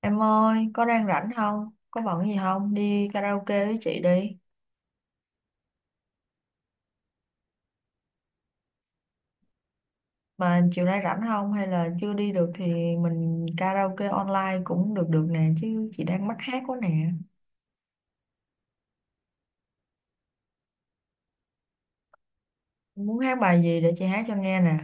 Em ơi, có đang rảnh không? Có bận gì không? Đi karaoke với chị đi. Mà chiều nay rảnh không? Hay là chưa đi được thì mình karaoke online cũng được được nè. Chứ chị đang mắc hát quá nè. Muốn hát bài gì để chị hát cho nghe nè.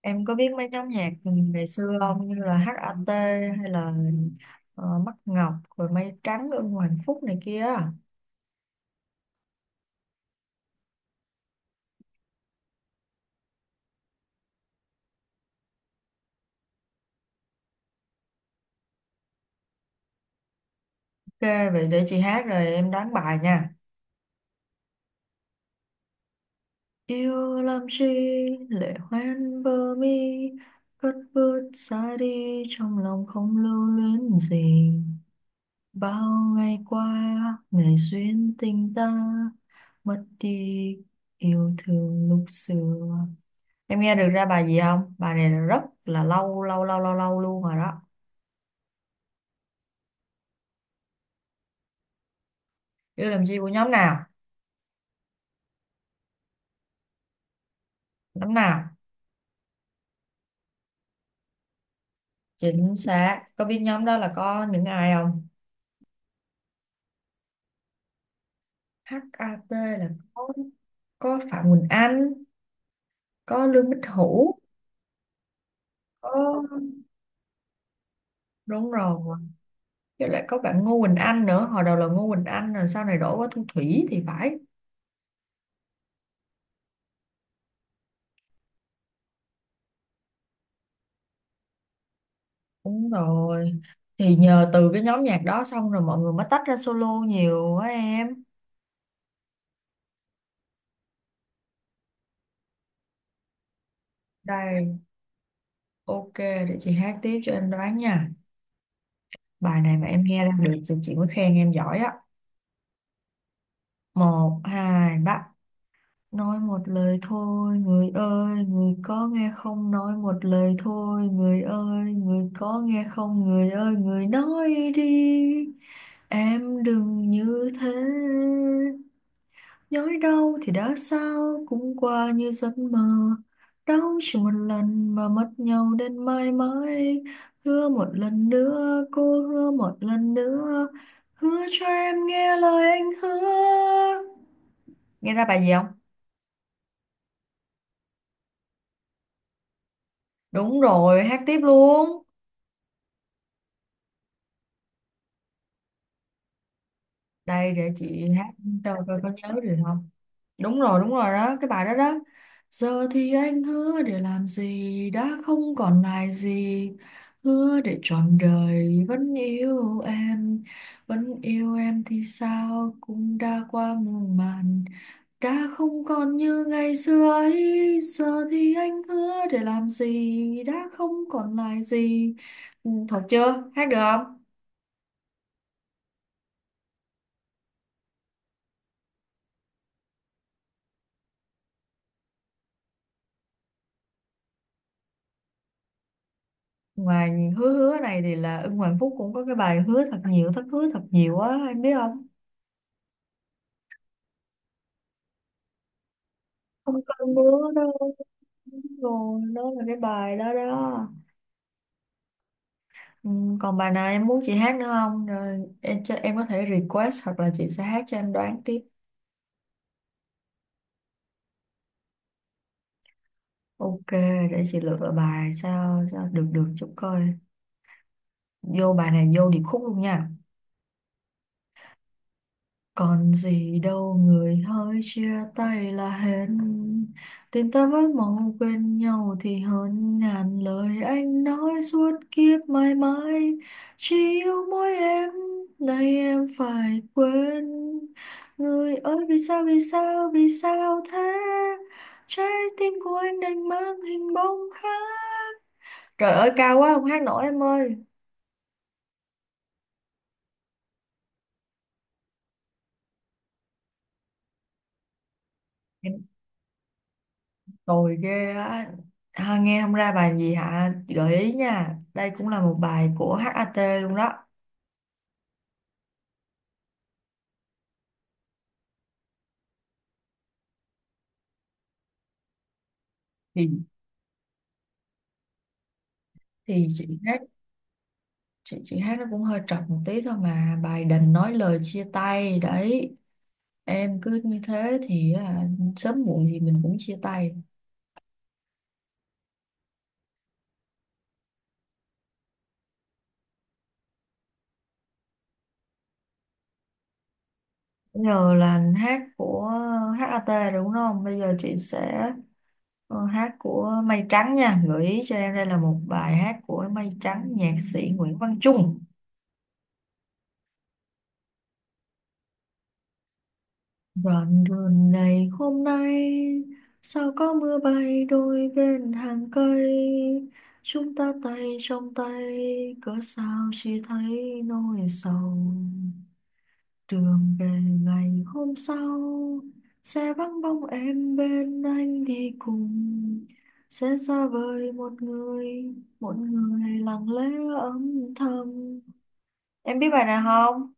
Em có biết mấy nhóm nhạc ngày xưa không? Như là HAT hay là Mắt Ngọc, rồi Mây Trắng, Ưng Hoàng Phúc này kia. Ok, vậy để chị hát rồi em đoán bài nha. Yêu làm chi, lệ hoen bờ mi, cất bước xa đi, trong lòng không lưu luyến gì, bao ngày qua ngày duyên tình ta mất đi, yêu thương lúc xưa. Em nghe được ra bài gì không? Bài này là rất là lâu lâu lâu lâu lâu luôn rồi đó. Yêu làm chi của nhóm nào? Nhóm nào? Chính xác. Có biết nhóm đó là có những ai không? Hát HAT là có Phạm Quỳnh Anh, có Lương Bích Hữu. Ờ, đúng rồi, với lại có bạn Ngô Quỳnh Anh nữa, hồi đầu là Ngô Quỳnh Anh rồi sau này đổi qua Thu Thủy thì phải. Đúng rồi, thì nhờ từ cái nhóm nhạc đó xong rồi mọi người mới tách ra solo nhiều á em. Đây, ok, để chị hát tiếp cho em đoán nha. Bài này mà em nghe ra được thì chị mới khen em giỏi á. Một hai ba. Nói một lời thôi, người ơi, người có nghe không? Nói một lời thôi, người ơi, người có nghe không? Người ơi, người nói đi, em đừng như thế. Nhói đau thì đã sao, cũng qua như giấc mơ. Đau chỉ một lần mà mất nhau đến mãi mãi. Hứa một lần nữa, cô hứa một lần nữa. Hứa cho em nghe lời anh hứa. Nghe ra bài gì không? Đúng rồi, hát tiếp luôn. Đây để chị hát cho coi có nhớ gì không. Đúng rồi đó, cái bài đó đó. Giờ thì anh hứa để làm gì, đã không còn lại gì. Hứa để trọn đời vẫn yêu em. Vẫn yêu em thì sao, cũng đã qua muôn màn. Đã không còn như ngày xưa ấy, giờ thì anh hứa để làm gì, đã không còn lại gì. Ừ, thuộc chưa? Hát được không? Ngoài hứa hứa này thì là Ưng Hoàng Phúc cũng có cái bài hứa thật nhiều, thất hứa thật nhiều á, em biết không? Không có hứa đâu. Đúng rồi, đó là cái bài đó đó. Ừ, còn bài nào em muốn chị hát nữa không? Rồi em, cho, em có thể request hoặc là chị sẽ hát cho em đoán tiếp. Ok, để chị lựa bài sao sao được được chút coi. Vô bài này vô điệp khúc luôn nha. Còn gì đâu người hỡi, chia tay là hết. Tình ta với mong quên nhau thì hơn ngàn lời anh nói suốt kiếp mãi mãi. Chỉ yêu mỗi em, nay em phải quên. Người ơi vì sao, vì sao, vì sao thế? Trái tim của anh đành mang hình bóng khác. Trời ơi cao quá không hát nổi em ơi. Tồi ghê á ha, nghe không ra bài gì hả? Chị gợi ý nha, đây cũng là một bài của HAT luôn đó. Thì thì chị hát, chị hát nó cũng hơi trật một tí thôi, mà bài Đành nói lời chia tay đấy. Em cứ như thế thì sớm muộn gì mình cũng chia tay. Bây giờ là hát của HAT đúng không, bây giờ chị sẽ hát của Mây Trắng nha. Gợi ý cho em, đây là một bài hát của Mây Trắng, nhạc sĩ Nguyễn Văn Trung. Đoạn đường này hôm nay sao có mưa bay, đôi bên hàng cây chúng ta tay trong tay, cớ sao chỉ thấy nỗi sầu. Đường về ngày hôm sau sẽ vắng bóng em bên anh đi cùng, sẽ xa vời một người, một người lặng lẽ âm thầm. Em biết bài này không?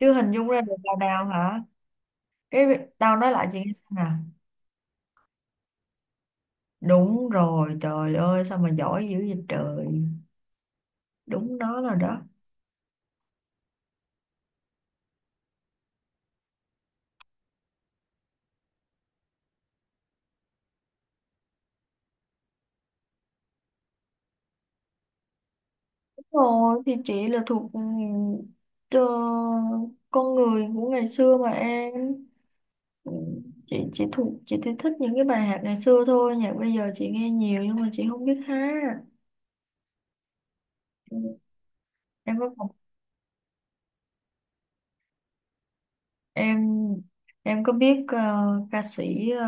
Chưa hình dung ra được bài nào hả? Cái tao nói lại chị nghe xem nè. Đúng rồi, trời ơi sao mà giỏi dữ vậy trời. Đúng đó là đó. Đúng rồi, thì chị là thuộc, ờ, con người của ngày xưa mà em. Ừ, chị thuộc, chị thì thích những cái bài hát ngày xưa thôi, nhạc bây giờ chị nghe nhiều nhưng mà chị không biết hát. Ừ, Em có học- em có biết ca sĩ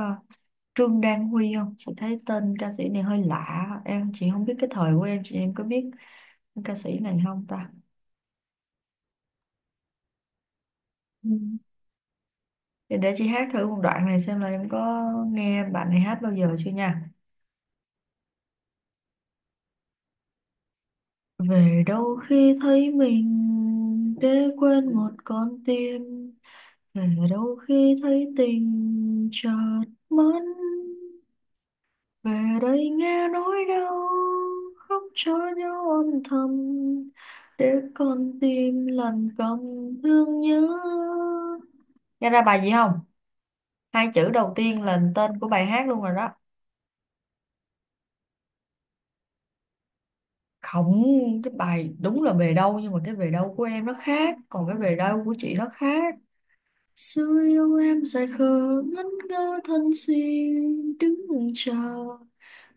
Trương Đan Huy không? Chị thấy tên ca sĩ này hơi lạ. Em chị không biết, cái thời của em, chị em có biết ca sĩ này không ta? Ừ. Để chị hát thử một đoạn này xem là em có nghe bạn này hát bao giờ chưa nha. Về đâu khi thấy mình để quên một con tim. Về đâu khi thấy tình chợt mất. Về đây nghe nỗi đau khóc cho nhau âm thầm. Để con tim lần cầm thương nhớ. Nghe ra bài gì không? Hai chữ đầu tiên là tên của bài hát luôn rồi đó. Không, cái bài đúng là Về đâu, nhưng mà cái Về đâu của em nó khác, còn cái Về đâu của chị nó khác. Xưa yêu em say khờ ngẩn ngơ thân xin đứng chờ,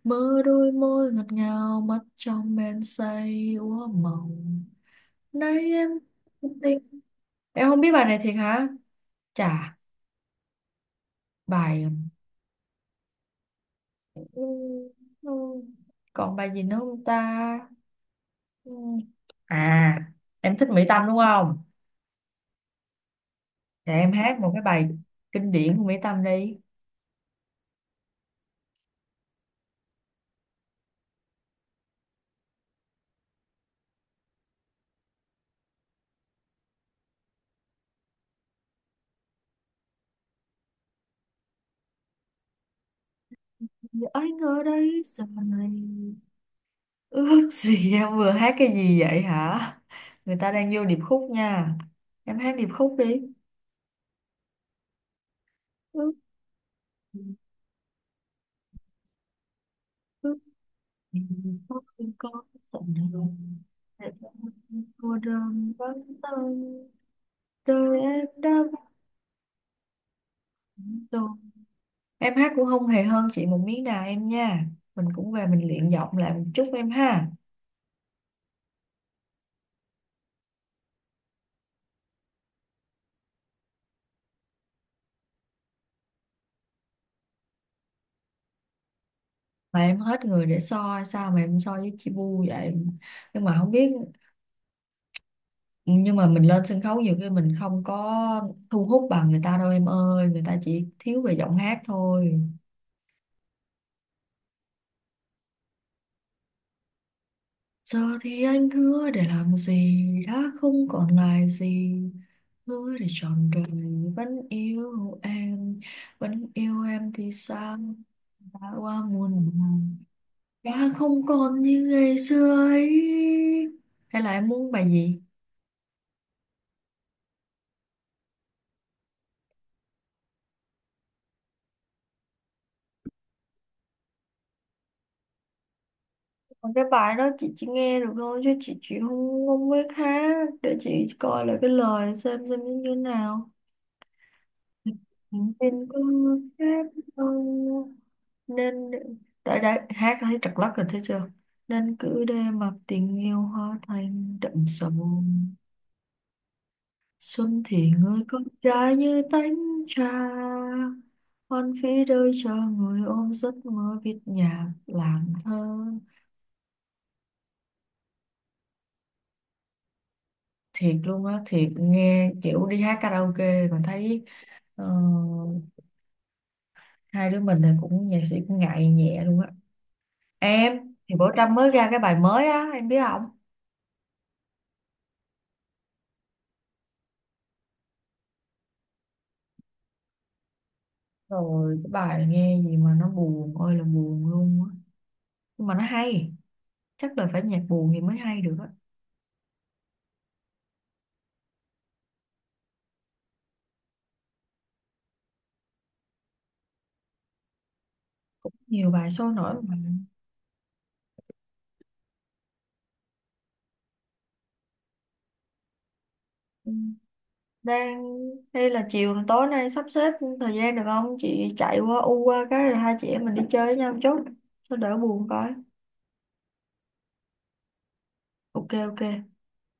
mơ đôi môi ngọt ngào mắt trong men say úa mộng, nay em tình. Em không biết bài này thiệt hả? Chà, bài. Ừ, ừ. Còn bài gì nữa không ta? Ừ. À, em thích Mỹ Tâm đúng không? Để em hát một cái bài kinh điển của Mỹ Tâm đi. Giờ anh ở đây giờ này. Ước gì em vừa hát cái gì vậy hả? Người ta đang vô điệp khúc nha. Em hát điệp khúc đi. Ước gì, ước gì có, không có giờ này để em cô đơn vắng tay, đời em đã vắng rồi. Em hát cũng không hề hơn chị một miếng nào em nha. Mình cũng về mình luyện giọng lại một chút em ha. Mà em hết người để so sao mà em so với chị Bu vậy? Nhưng mà không biết, nhưng mà mình lên sân khấu nhiều khi mình không có thu hút bằng người ta đâu em ơi, người ta chỉ thiếu về giọng hát thôi. Giờ thì anh hứa để làm gì, đã không còn lại gì. Hứa để trọn đời vẫn yêu em, vẫn yêu em thì sao, đã qua muôn màng, đã không còn như ngày xưa ấy. Hay là em muốn bài gì? Còn cái bài đó chị chỉ nghe được thôi chứ chị không không biết hát, để chị coi lại cái lời xem nó như thế nào. Ừ, nên có hát ờ, nên đã hát thấy trật lắc rồi thấy chưa. Nên cứ để mặc tình yêu hoa thành đậm sầu, xuân thì người con gái như tánh trà, hoan phí đời chờ người ôm giấc mơ viết nhạc làng thơ. Thiệt luôn á, thiệt, nghe kiểu đi hát karaoke mà thấy ờ, hai đứa mình thì cũng nhạc sĩ cũng ngại nhẹ luôn á. Em thì bữa Trâm mới ra cái bài mới á em biết không? Rồi cái bài nghe gì mà nó buồn ơi là buồn luôn á, nhưng mà nó hay. Chắc là phải nhạc buồn thì mới hay được á, nhiều bài sôi nổi mà. Ừ. Đang, hay là chiều tối nay sắp xếp thời gian được không, chị chạy qua u qua cái rồi hai chị em mình đi chơi với nhau một chút cho đỡ buồn coi. Ok, ok.